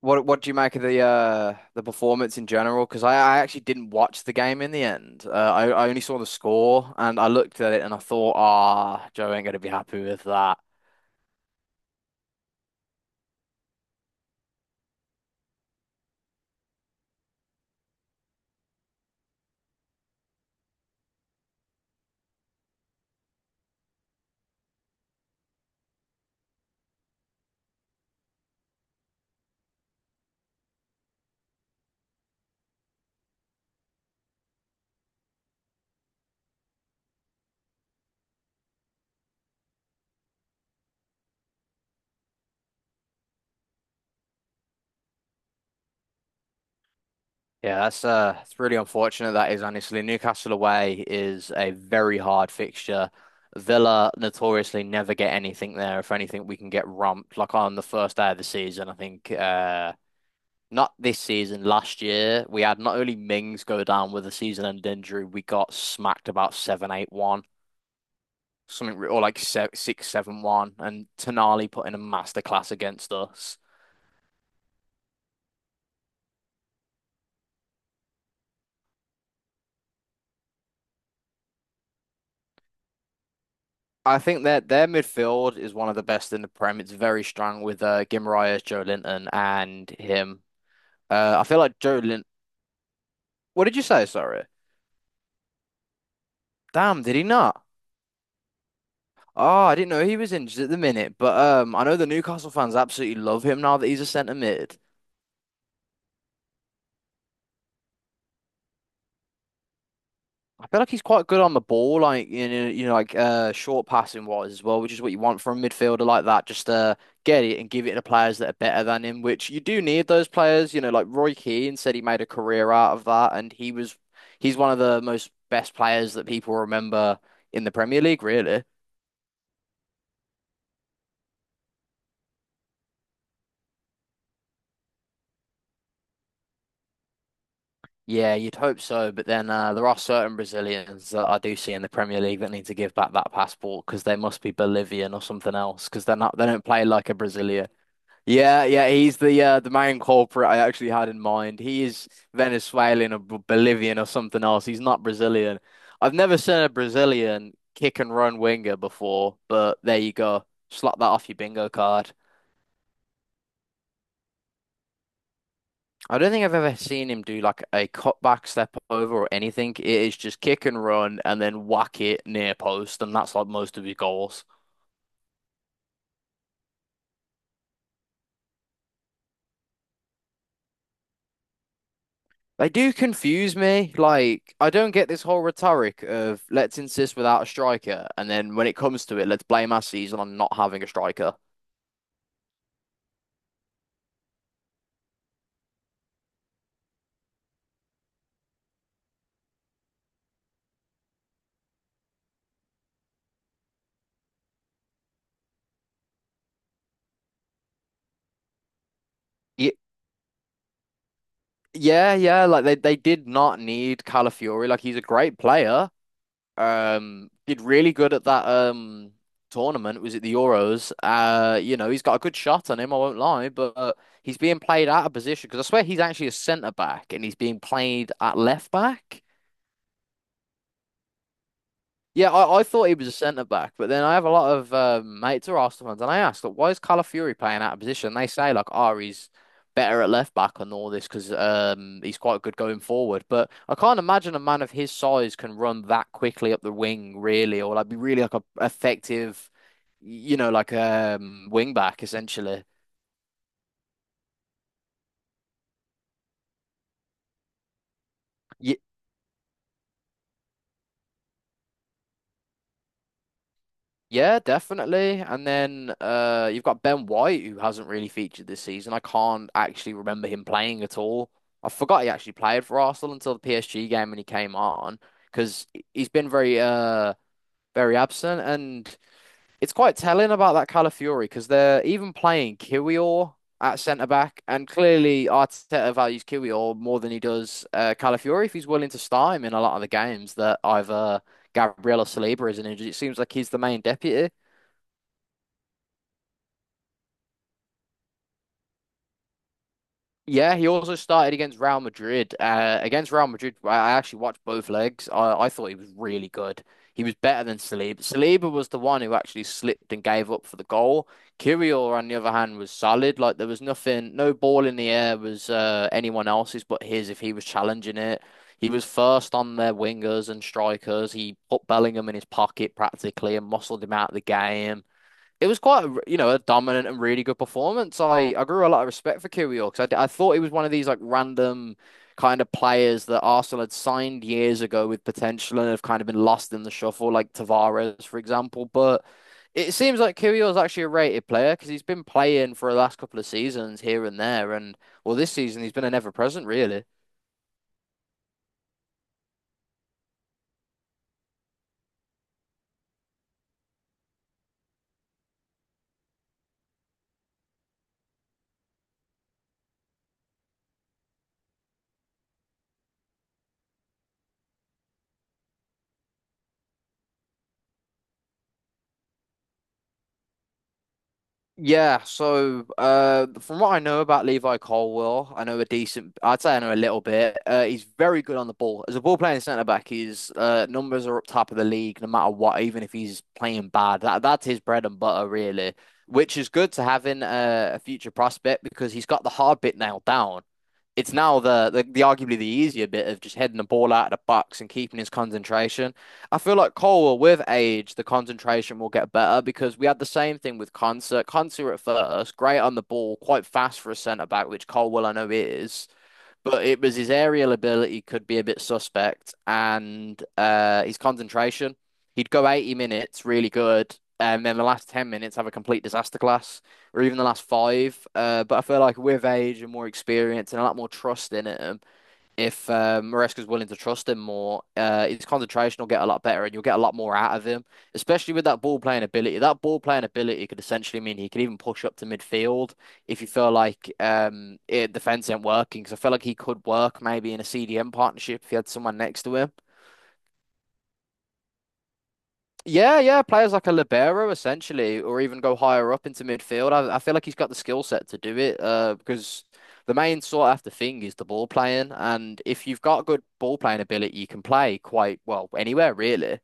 What do you make of the performance in general? Because I actually didn't watch the game in the end. I only saw the score and I looked at it and I thought, ah, Joe ain't gonna be happy with that. Yeah, that's it's really unfortunate that is, honestly. Newcastle away is a very hard fixture. Villa notoriously never get anything there. If anything, we can get romped. Like on the first day of the season, I think, not this season, last year, we had not only Mings go down with a season-end injury, we got smacked about seven, eight, one, something, or like six, seven, one, and Tonali put in a masterclass against us. I think that their midfield is one of the best in the Prem. It's very strong with Guimaraes, Joe Linton, and him. I feel like Joe Linton. What did you say? Sorry. Damn, did he not? Oh, I didn't know he was injured at the minute, but I know the Newcastle fans absolutely love him now that he's a centre mid. I feel like he's quite good on the ball, like, like, short passing wise as well, which is what you want from a midfielder like that. Just get it and give it to players that are better than him, which you do need those players. Like Roy Keane said, he made a career out of that, and he's one of the most best players that people remember in the Premier League, really. Yeah, you'd hope so, but then there are certain Brazilians that I do see in the Premier League that need to give back that passport because they must be Bolivian or something else, because they're not, they don't play like a Brazilian. Yeah, yeah, he's the main culprit I actually had in mind. He is Venezuelan or Bolivian or something else. He's not Brazilian. I've never seen a Brazilian kick and run winger before, but there you go. Slot that off your bingo card. I don't think I've ever seen him do like a cutback step over or anything. It is just kick and run and then whack it near post, and that's like most of his goals. They do confuse me. Like, I don't get this whole rhetoric of let's insist without a striker, and then when it comes to it, let's blame our season on not having a striker. Ye- Yeah, yeah, like, they did not need Calafiori. Like, he's a great player. Did really good at that tournament. Was it the Euros? He's got a good shot on him, I won't lie, but he's being played out of position because I swear he's actually a centre back and he's being played at left back. Yeah, I thought he was a centre back, but then I have a lot of mates who are Arsenal fans, and I asked, like, why is Calafuri playing out of position? They say, like, oh, he's better at left back and all this because he's quite good going forward. But I can't imagine a man of his size can run that quickly up the wing, really, or like be really like a effective, like, wing back essentially. Yeah, definitely. And then you've got Ben White, who hasn't really featured this season. I can't actually remember him playing at all. I forgot he actually played for Arsenal until the PSG game when he came on, because he's been very, very absent. And it's quite telling about that Calafiori, because they're even playing Kiwior at centre back, and clearly Arteta values Kiwior more than he does Calafiori if he's willing to start him in a lot of the games that either Gabriel or Saliba isn't injured. It seems like he's the main deputy. Yeah, he also started against Real Madrid. Against Real Madrid, I actually watched both legs. I thought he was really good. He was better than Saliba. Saliba was the one who actually slipped and gave up for the goal. Kirill, on the other hand, was solid. Like, there was nothing, no ball in the air was anyone else's but his if he was challenging it. He was first on their wingers and strikers. He put Bellingham in his pocket practically and muscled him out of the game. It was quite a dominant and really good performance. I grew a lot of respect for Kyrgios, 'cause I thought he was one of these like random kind of players that Arsenal had signed years ago with potential and have kind of been lost in the shuffle, like Tavares, for example. But it seems like Kyrgios is actually a rated player because he's been playing for the last couple of seasons here and there, and, well, this season he's been an ever present, really. Yeah, so from what I know about Levi Colwill, I know a decent. I'd say I know a little bit. He's very good on the ball. As a ball playing centre back, his numbers are up top of the league, no matter what. Even if he's playing bad, that's his bread and butter, really. Which is good to have in a future prospect, because he's got the hard bit nailed down. It's now the arguably the easier bit of just heading the ball out of the box and keeping his concentration. I feel like Cole, with age, the concentration will get better, because we had the same thing with Concert. Concert at first, great on the ball, quite fast for a centre back, which Colwell I know is, but it was his aerial ability could be a bit suspect and his concentration. He'd go 80 minutes really good, and then the last 10 minutes have a complete disaster class, or even the last five. But I feel like with age and more experience and a lot more trust in it, if Maresca's willing to trust him more, his concentration will get a lot better and you'll get a lot more out of him, especially with that ball playing ability. That ball playing ability could essentially mean he could even push up to midfield if you feel like defense ain't working. Because I feel like he could work maybe in a CDM partnership if he had someone next to him. Yeah, yeah, players like a libero essentially, or even go higher up into midfield. I feel like he's got the skill set to do it. Because the main sought after thing is the ball playing, and if you've got good ball playing ability, you can play quite well anywhere, really.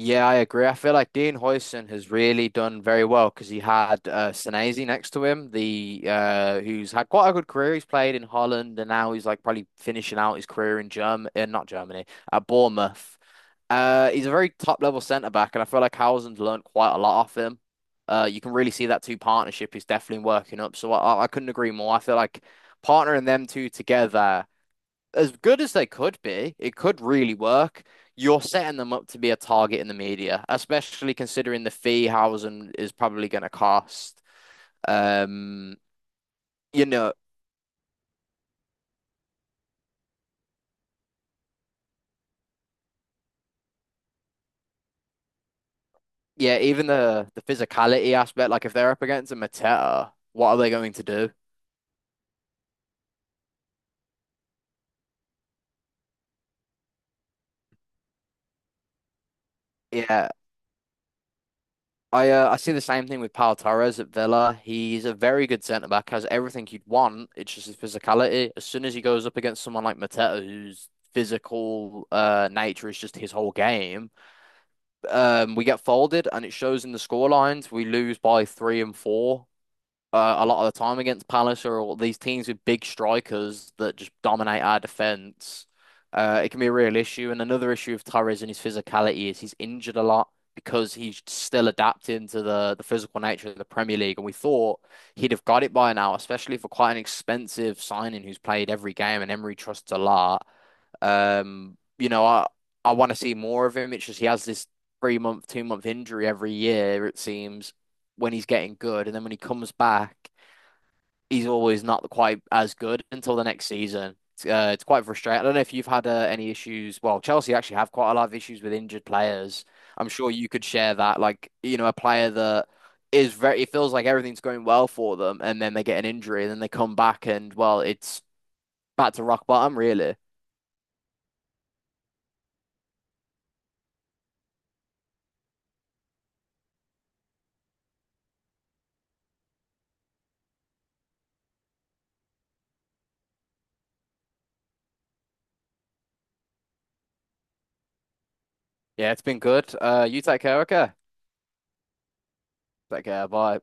Yeah, I agree. I feel like Dean Huijsen has really done very well because he had Senesi next to him, the who's had quite a good career. He's played in Holland, and now he's like probably finishing out his career in Germany, not Germany, at Bournemouth. He's a very top level centre back, and I feel like Howland's learned quite a lot off him. You can really see that two partnership is definitely working up. So I couldn't agree more. I feel like partnering them two together, as good as they could be, it could really work. You're setting them up to be a target in the media, especially considering the fee Howland is probably going to cost. Um, you know, yeah, even the physicality aspect. Like, if they're up against a Mateta, what are they going to do? Yeah, I see the same thing with Pau Torres at Villa. He's a very good centre back, has everything you'd want. It's just his physicality. As soon as he goes up against someone like Mateta, whose physical nature is just his whole game, we get folded, and it shows in the score lines. We lose by three and four a lot of the time against Palace or these teams with big strikers that just dominate our defense. It can be a real issue. And another issue with Torres and his physicality is he's injured a lot because he's still adapting to the physical nature of the Premier League. And we thought he'd have got it by now, especially for quite an expensive signing who's played every game and Emery trusts a lot. Um, you know, I, I want to see more of him. It's just he has this 3-month, 2-month injury every year, it seems, when he's getting good. And then when he comes back, he's always not quite as good until the next season. It's quite frustrating. I don't know if you've had any issues. Well, Chelsea actually have quite a lot of issues with injured players. I'm sure you could share that. Like, you know, a player that is very, it feels like everything's going well for them, and then they get an injury, and then they come back, and, well, it's back to rock bottom, really. Yeah, it's been good. You take care, okay? Take care. Bye.